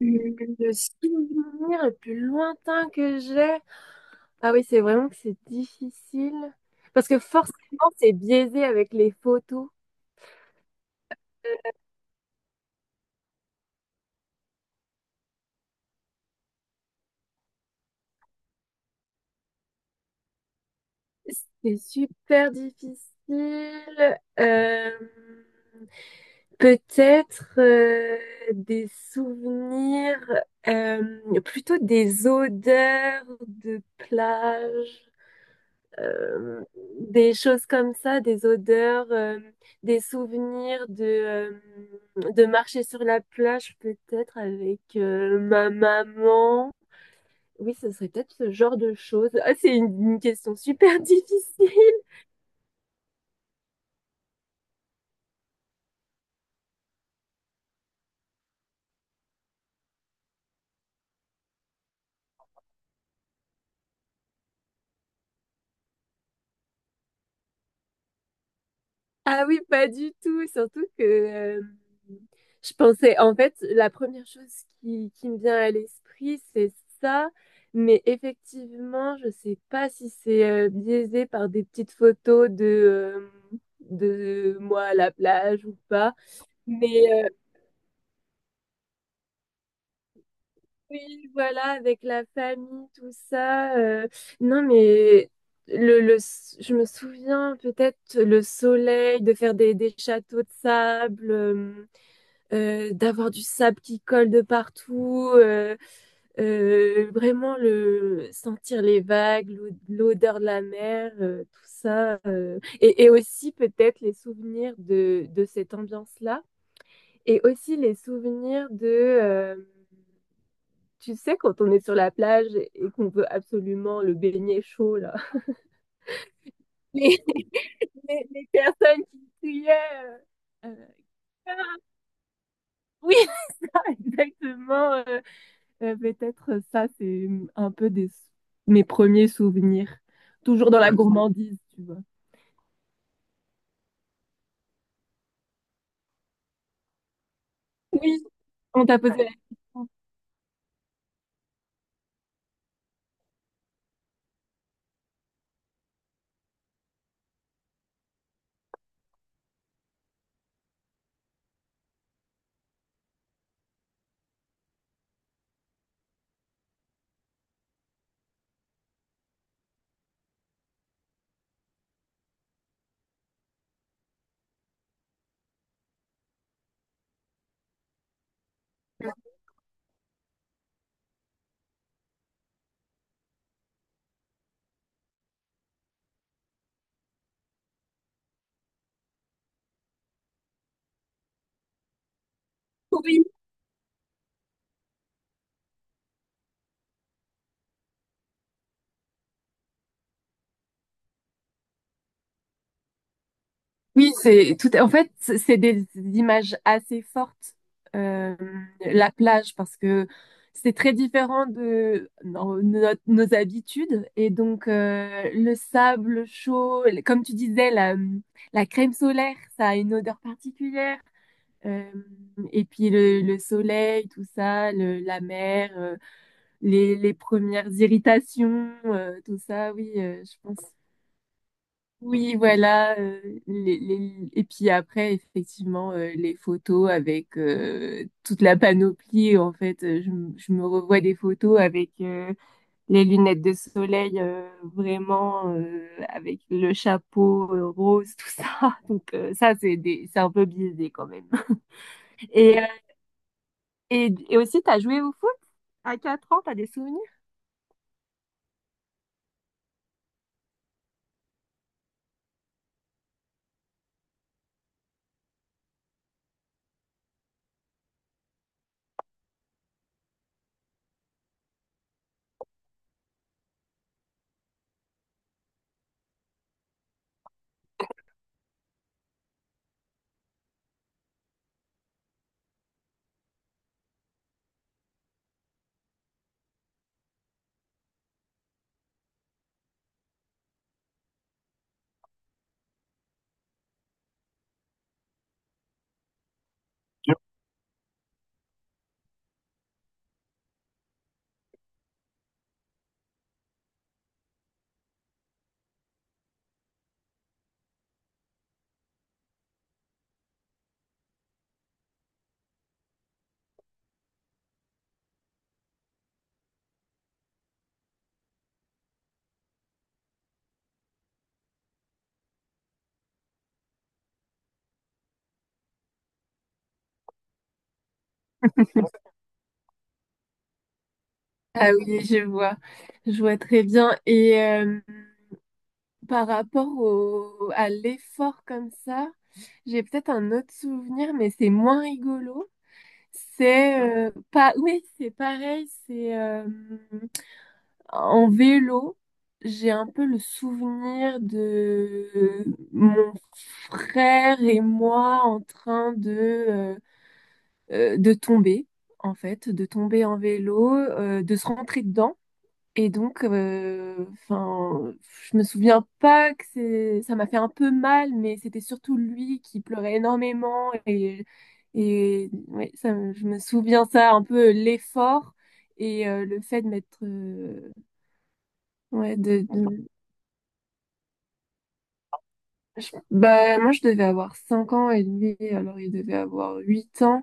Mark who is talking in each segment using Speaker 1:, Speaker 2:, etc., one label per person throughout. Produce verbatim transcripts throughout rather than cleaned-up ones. Speaker 1: Le souvenir le plus lointain que j'ai. Ah oui, c'est vraiment que c'est difficile. Parce que forcément, c'est biaisé avec les photos. C'est super difficile. Euh, Peut-être euh, des souvenirs, euh, plutôt des odeurs de plage. euh, des choses comme ça, des odeurs, euh, des souvenirs de, euh, de marcher sur la plage peut-être avec euh, ma maman. Oui, ce serait peut-être ce genre de choses. Ah, c'est une, une question super difficile. Ah oui, pas du tout. Surtout que euh, je pensais, en fait, la première chose qui, qui me vient à l'esprit, c'est ça. Mais effectivement, je sais pas si c'est euh, biaisé par des petites photos de, euh, de moi à la plage ou pas. Mais euh, oui, voilà, avec la famille, tout ça. Euh, non, mais le, le, je me souviens peut-être le soleil, de faire des, des châteaux de sable. Euh, euh, d'avoir du sable qui colle de partout, euh, euh, vraiment le sentir les vagues, l'o- l'odeur de la mer, euh, tout ça, euh, et, et aussi peut-être les souvenirs de, de cette ambiance-là, et aussi les souvenirs de, euh, tu sais, quand on est sur la plage et qu'on veut absolument le baigner chaud, là, les, les- les personnes qui criaient. euh, euh, oui, exactement. Euh, Euh, peut-être euh, ça, c'est hum, un peu des, mes premiers souvenirs. Toujours dans la gourmandise, tu vois. Oui. On t'a posé la question. Oui. Oui, c'est tout. En fait, c'est c'est des images assez fortes, euh, la plage, parce que c'est très différent de nos, nos- nos habitudes. Et donc, euh, le sable chaud, comme tu disais, la, la crème solaire, ça a une odeur particulière. Euh, et puis le, le soleil, tout ça, le- la mer, euh, les, les premières irritations, euh, tout ça, oui, euh, je pense. Oui, voilà. euh, les, les- Et puis après, effectivement, euh, les photos avec euh, toute la panoplie. En fait, euh, je, m- je me revois des photos avec euh, les lunettes de soleil, euh, vraiment, euh, avec le chapeau euh, rose, tout ça. Donc euh, ça, c'est des c'est un peu biaisé quand même. Et, et aussi, t'as joué au foot à quatre ans, t'as des souvenirs? Ah oui, je vois, je vois très bien. Et euh, par rapport au, à l'effort comme ça, j'ai peut-être un autre souvenir, mais c'est moins rigolo. C'est euh, pas, oui, c'est pareil, c'est euh, en vélo. J'ai un peu le souvenir de mon frère et moi en train de euh, euh, de tomber, en fait, de tomber en vélo, euh, de se rentrer dedans. Et donc, euh, enfin, je me souviens pas que c'est, ça m'a fait un peu mal, mais c'était surtout lui qui pleurait énormément. Et, et ouais, ça, me- je me souviens ça, un peu l'effort et euh, le fait de m'être. Euh, ouais, de, de- je- bah, moi, je devais avoir cinq ans et lui, alors il devait avoir huit ans.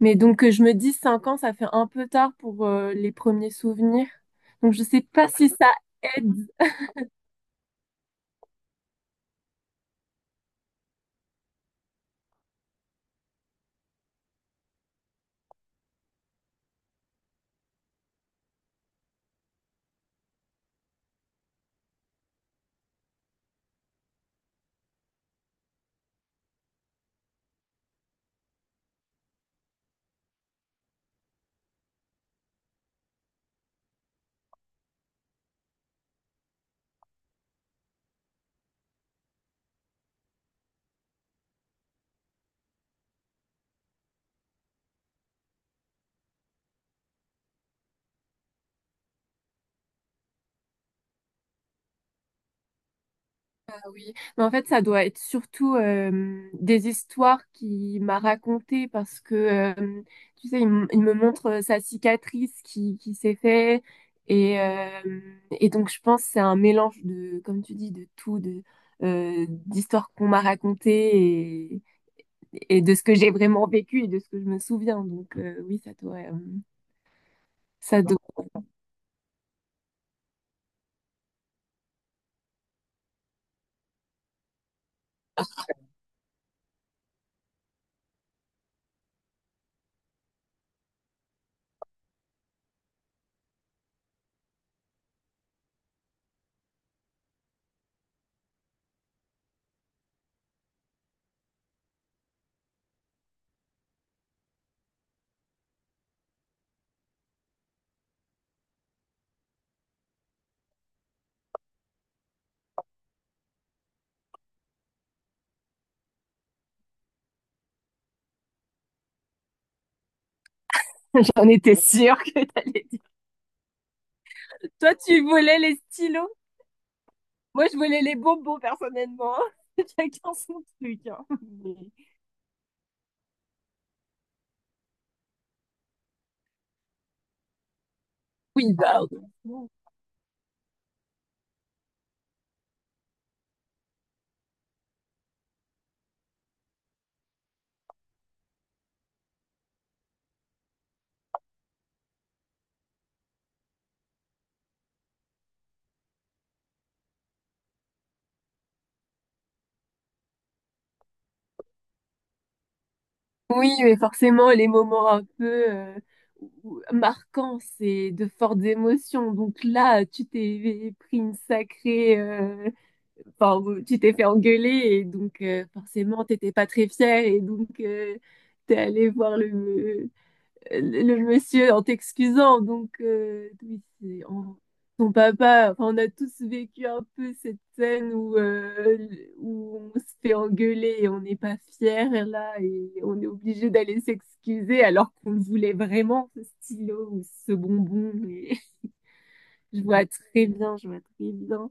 Speaker 1: Mais donc, euh, je me dis, cinq ans, ça fait un peu tard pour euh, les premiers souvenirs. Donc, je sais pas si ça aide. Oui. Mais en fait, ça doit être surtout euh, des histoires qu'il m'a racontées parce que, euh, tu sais, il, m- il me montre euh, sa cicatrice qui, qui s'est fait. Et, euh, et donc, je pense que c'est un mélange de, comme tu dis, de tout, de, euh, d'histoires qu'on m'a racontées et, et de ce que j'ai vraiment vécu et de ce que je me souviens. Donc, euh, oui, ça doit, euh, ça doit. J'en étais sûre que t'allais dire. Toi, tu volais les stylos. Moi, je volais les bonbons, personnellement. Chacun son truc, hein. Mais- Oui, bah, oui, mais forcément, les moments un peu euh, où- marquants, c'est de fortes émotions. Donc là, tu t'es pris une sacrée euh, enfin, tu t'es fait engueuler et donc euh, forcément, t'étais pas très fière et donc euh, t'es allé voir le, le monsieur en t'excusant. Donc, euh, oui, c'est- on- son papa, enfin, on a tous vécu un peu cette scène où, euh, où on se fait engueuler et on n'est pas fier et là et on est obligé d'aller s'excuser alors qu'on le voulait vraiment, ce stylo ou ce bonbon. Et je vois très bien, je vois très bien.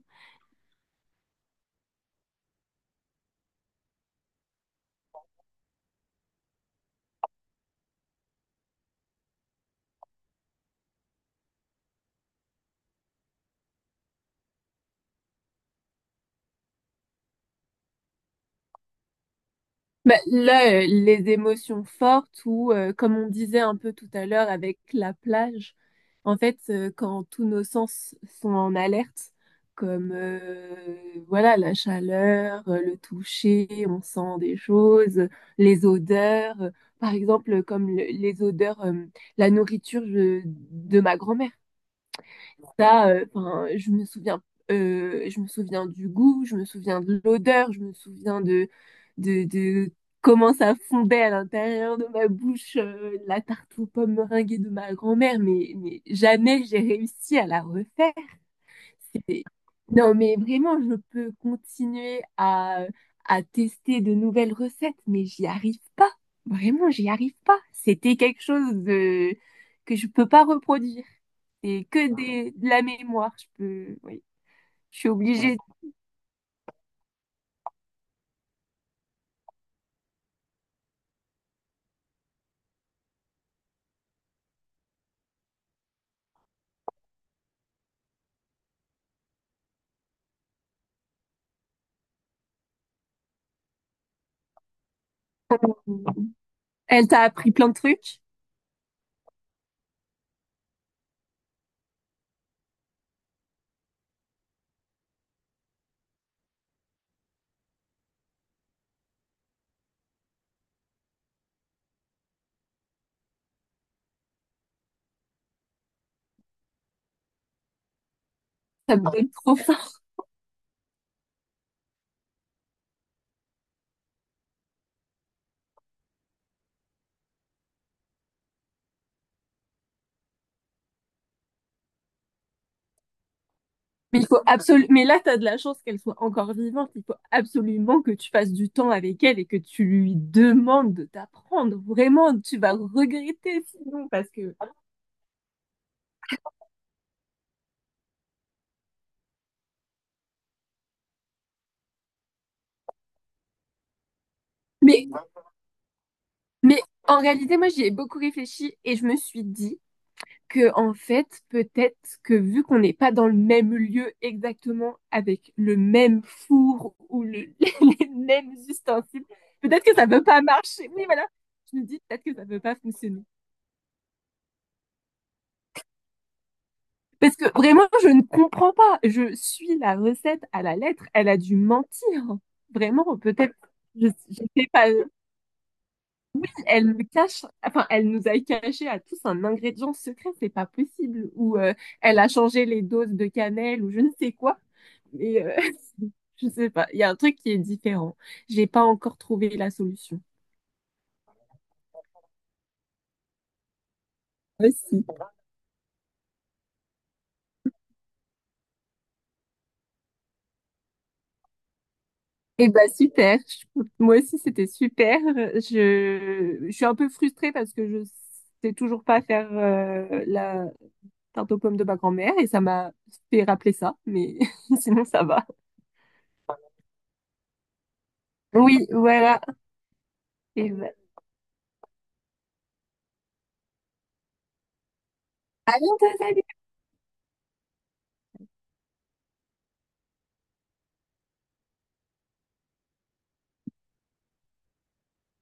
Speaker 1: Bah, là, euh, les émotions fortes ou euh, comme on disait un peu tout à l'heure avec la plage, en fait, euh, quand tous nos sens sont en alerte, comme euh, voilà la chaleur, euh, le toucher, on sent des choses, les odeurs, euh, par exemple comme le- les odeurs, euh, la nourriture je- de ma grand-mère. Ça, euh, 'fin, je me souviens, euh, je me souviens du goût, je me souviens de l'odeur, je me souviens de, de, de comment ça fondait à l'intérieur de ma bouche, euh, la tarte aux pommes meringuée de ma grand-mère, mais, mais jamais j'ai réussi à la refaire. Et non, mais vraiment, je peux continuer à, à tester de nouvelles recettes, mais j'y arrive pas. Vraiment, j'y arrive pas. C'était quelque chose de... que je peux pas reproduire. Et que des, de la mémoire, je peux, oui, je suis obligée. Elle t'a appris plein de trucs. Ça me donne trop faim. Mais il faut absolument. Mais là, t'as de la chance qu'elle soit encore vivante. Il faut absolument que tu passes du temps avec elle et que tu lui demandes de t'apprendre. Vraiment, tu vas regretter sinon parce que. Mais, mais en réalité, moi, j'y ai beaucoup réfléchi et je me suis dit que en fait, peut-être que vu qu'on n'est pas dans le même lieu exactement avec le même four ou le- les mêmes ustensiles, peut-être que ça ne peut pas marcher. Oui, voilà. Je me dis peut-être que ça ne peut pas fonctionner. Parce que vraiment, je ne comprends pas. Je suis la recette à la lettre. Elle a dû mentir. Vraiment, peut-être, je, je sais pas. Elle me cache, enfin, elle nous a caché à tous un ingrédient secret. C'est pas possible. Ou euh, elle a changé les doses de cannelle ou je ne sais quoi. Mais euh, je sais pas. Il y a un truc qui est différent. J'ai pas encore trouvé la solution. Aussi. Eh ben super. Je- Moi aussi c'était super. Je, je suis un peu frustrée parce que je sais toujours pas faire euh, la tarte aux pommes de ma grand-mère et ça m'a fait rappeler ça, mais sinon ça va. Oui, voilà. Et ben, à bientôt, salut!